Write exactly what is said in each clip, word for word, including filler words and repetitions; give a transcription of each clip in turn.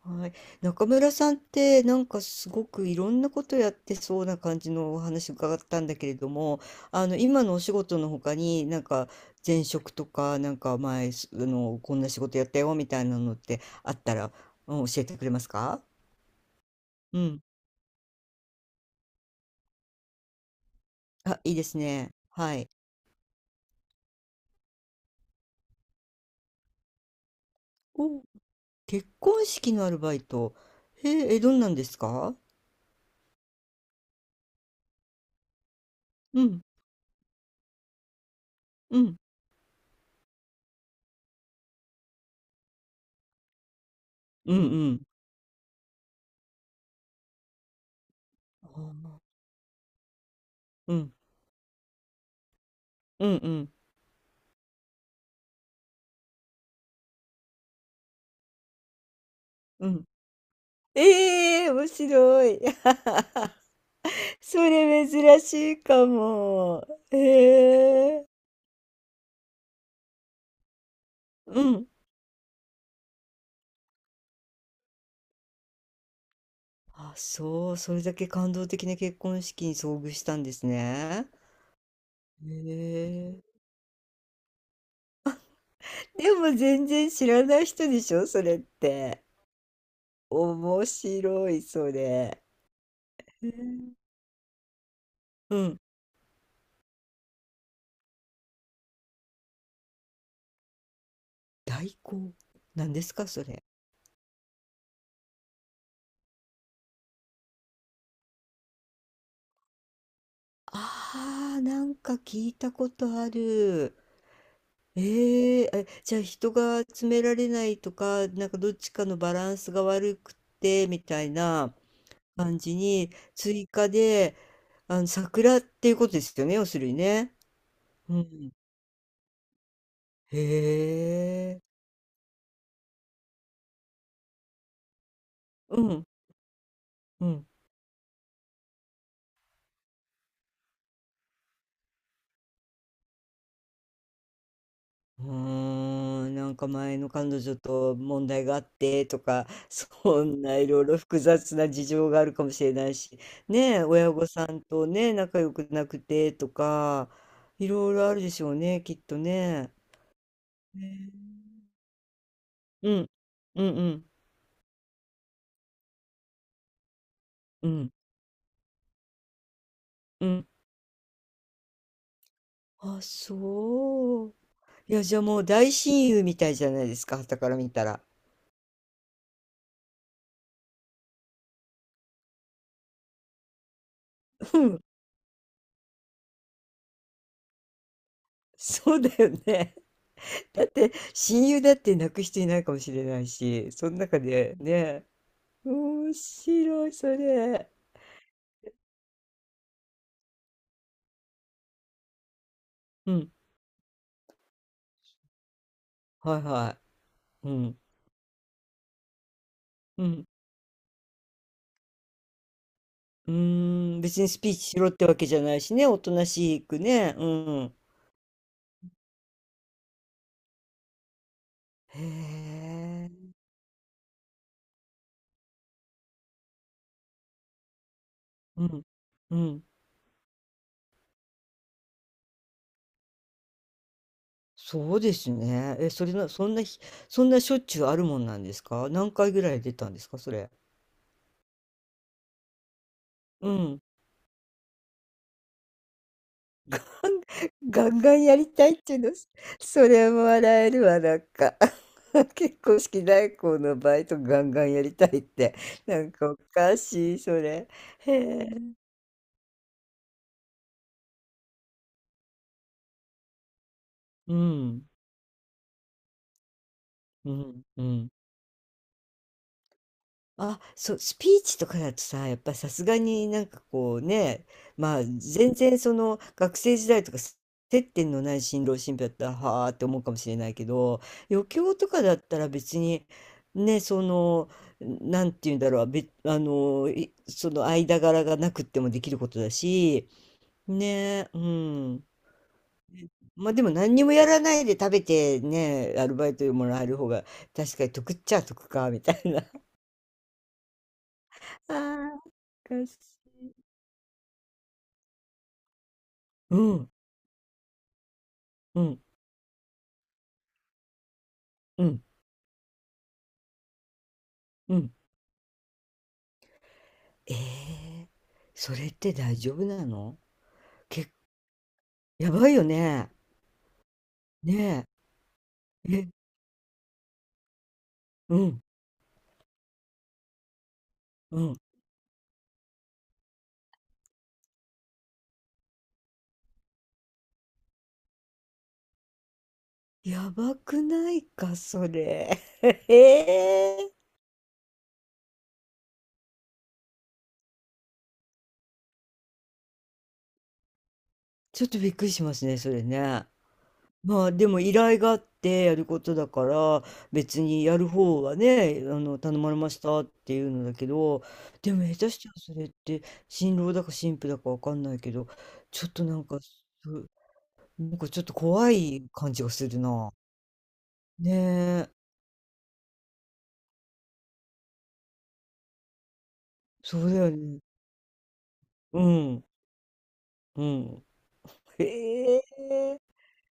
はい、中村さんってなんかすごくいろんなことやってそうな感じのお話伺ったんだけれども、あの今のお仕事の他になんか前職とかなんか前すあのこんな仕事やったよみたいなのってあったら、うん教えてくれますか？うん。あ、いいですね。はい。お、結婚式のアルバイト。へえ、え、どんなんですか？うん、うん、うん、うん。あー、うん、うん、うん、うん。ええ、面白い。それ珍しいかも。へえ。うん。あ、そう、それだけ感動的な結婚式に遭遇したんですね。へえ。でも全然知らない人でしょ、それって。面白い、それ。へえ、うん。代行。なんですか、それ。ああ、なんか聞いたことある。ええ、あ、じゃあ人が詰められないとか、なんかどっちかのバランスが悪くてみたいな感じに追加で、あの桜っていうことですよね、要するにね。うん。へえ。うん。うん。うーん、なんか前の彼女と問題があってとか、そんないろいろ複雑な事情があるかもしれないし、ねえ、親御さんとね、仲良くなくてとか、いろいろあるでしょうね、きっとね。ね、うん、うん、うん、うん、うん、あ、そう。いや、じゃあもう大親友みたいじゃないですか、傍から見たら。うん、そうだよね。だって親友だって泣く人いないかもしれないし、その中でね、面白い、それ。うん。はいはい。うん。うん。うーん。別にスピーチしろってわけじゃないしね。おとなしくね。うん。へえ。うん。うん。そうですね。え、それな、そんなひ、そんなしょっちゅうあるもんなんですか、何回ぐらい出たんですか、それ。うん。ガンガンやりたいっていうの、それも笑えるわ、なんか。結婚式代行のバイトガンガンやりたいって、なんかおかしい、それ。へえ。うん、うん、うん。あ、そう、スピーチとかだとさ、やっぱさすがになんかこうね、まあ全然その学生時代とかす接点のない新郎新婦だったらはあって思うかもしれないけど、余興とかだったら別にね、その、なんて言うんだろう、べ、あの、いその間柄がなくってもできることだし、ね、うん。まあでも何にもやらないで食べてね、アルバイトでもらえる方が確かに得っちゃ得か、みたいな。ああ、おかしい。うん。うん、うん、うん。ええ、それって大丈夫なの？け、やばいよね。ねえ。え、うん、うん。やばくないか、それ。ええ。ちょっとびっくりしますね、それね。まあ、でも依頼があってやることだから、別にやる方はね、あの、頼まれましたっていうのだけど、でも下手したらそれって新郎だか新婦だかわかんないけど、ちょっとなんか、そなんかちょっと怖い感じがするな。ねえ、そうだよね。うん、うん。へえ、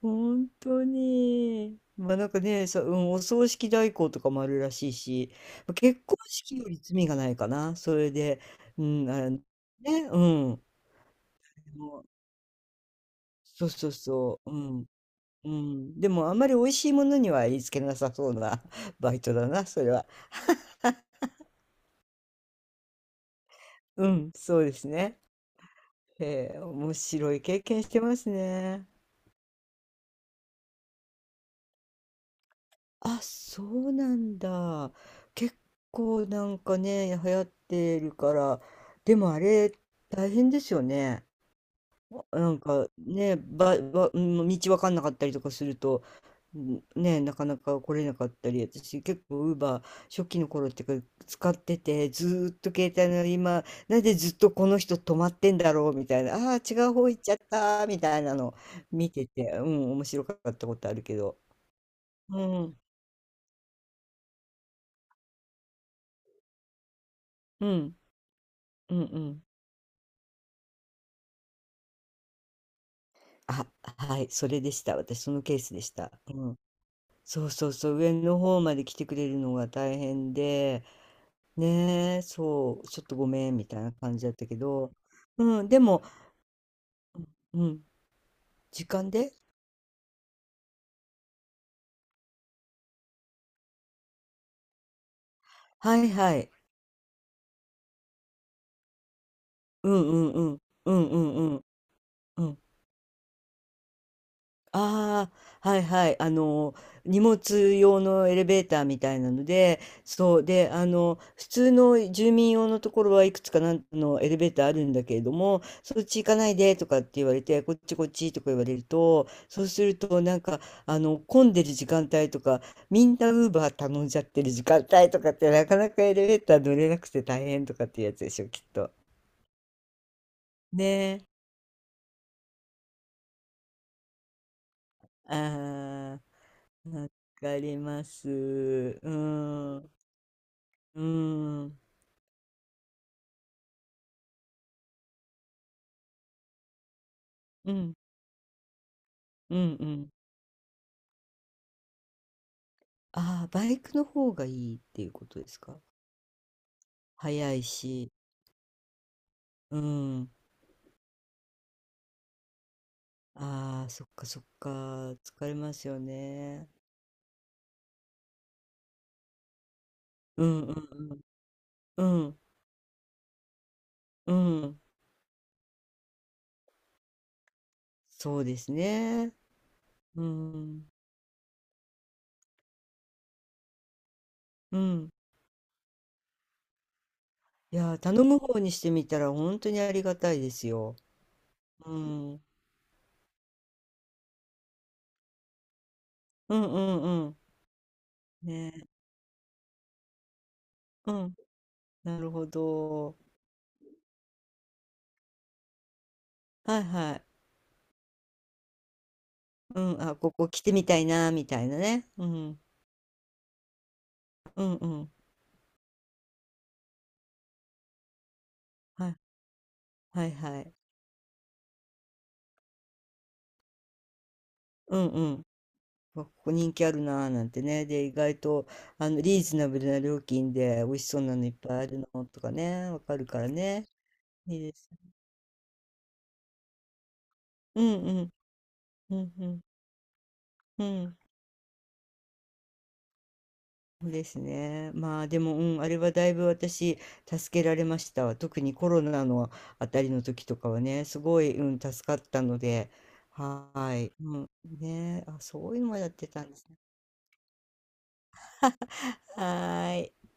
本当に。まあなんかね、さ、うん、お葬式代行とかもあるらしいし、まあ結婚式より罪がないかな、それで。うん、あ、ね、うん。でもそうそうそう、うん、うん。でもあんまり美味しいものには言いつけなさそうな バイトだな、それは。うん、そうですね。えー、面白い経験してますね。あ、そうなんだ。結構なんかね、流行ってるから、でもあれ大変ですよね。なんかね、ば、ば、うん、道わかんなかったりとかすると、うん、ね、なかなか来れなかったり、私結構ウーバー初期の頃っていうか使ってて、ずーっと携帯の今、なんでずっとこの人止まってんだろうみたいな、ああー、違う方行っちゃったみたいなの見てて、うん、面白かったことあるけど。うん、うん、うん、うん。あ、はい、それでした。私、そのケースでした。うん。そうそうそう、上の方まで来てくれるのが大変で、ねえ、そう、ちょっとごめん、みたいな感じだったけど、うん、でも、うん、うん、時間で、はいはい、うんうんうん、うんうんうん、うん。ああ、はいはい。あの、荷物用のエレベーターみたいなので、そう。で、あの、普通の住民用のところはいくつかなんのエレベーターあるんだけれども、そっち行かないでとかって言われて、こっちこっちとか言われると、そうすると、なんか、あの、混んでる時間帯とか、みんなウーバー頼んじゃってる時間帯とかって、なかなかエレベーター乗れなくて大変とかっていうやつでしょ、きっと。ねえ。ああ、わかります。うん。うーん。うん。うんうん。ああ、バイクの方がいいっていうことですか。速いし。うん。ああ、そっかそっか。疲れますよね。うんうんうん、うん。そうですね。うん。うん。いやー、頼む方にしてみたら本当にありがたいですよ。うん。うんうんうん。ねえ。うん。なるほど。はいはい。うん。あ、ここ来てみたいな、みたいなね。うん。うんうん。はい。はいはい。うんうん。わ、ここ人気あるなーなんてね。で、意外と、あの、リーズナブルな料金で美味しそうなのいっぱいあるのとかね、わかるからね。いいです。うんうん。うんうん。うん。そうですね。まあでも、うん、あれはだいぶ私、助けられましたわ。特にコロナのあたりの時とかはね、すごい、うん、助かったので、はーい。うん。ね、あ、そういうのもやってたんですね。はーい。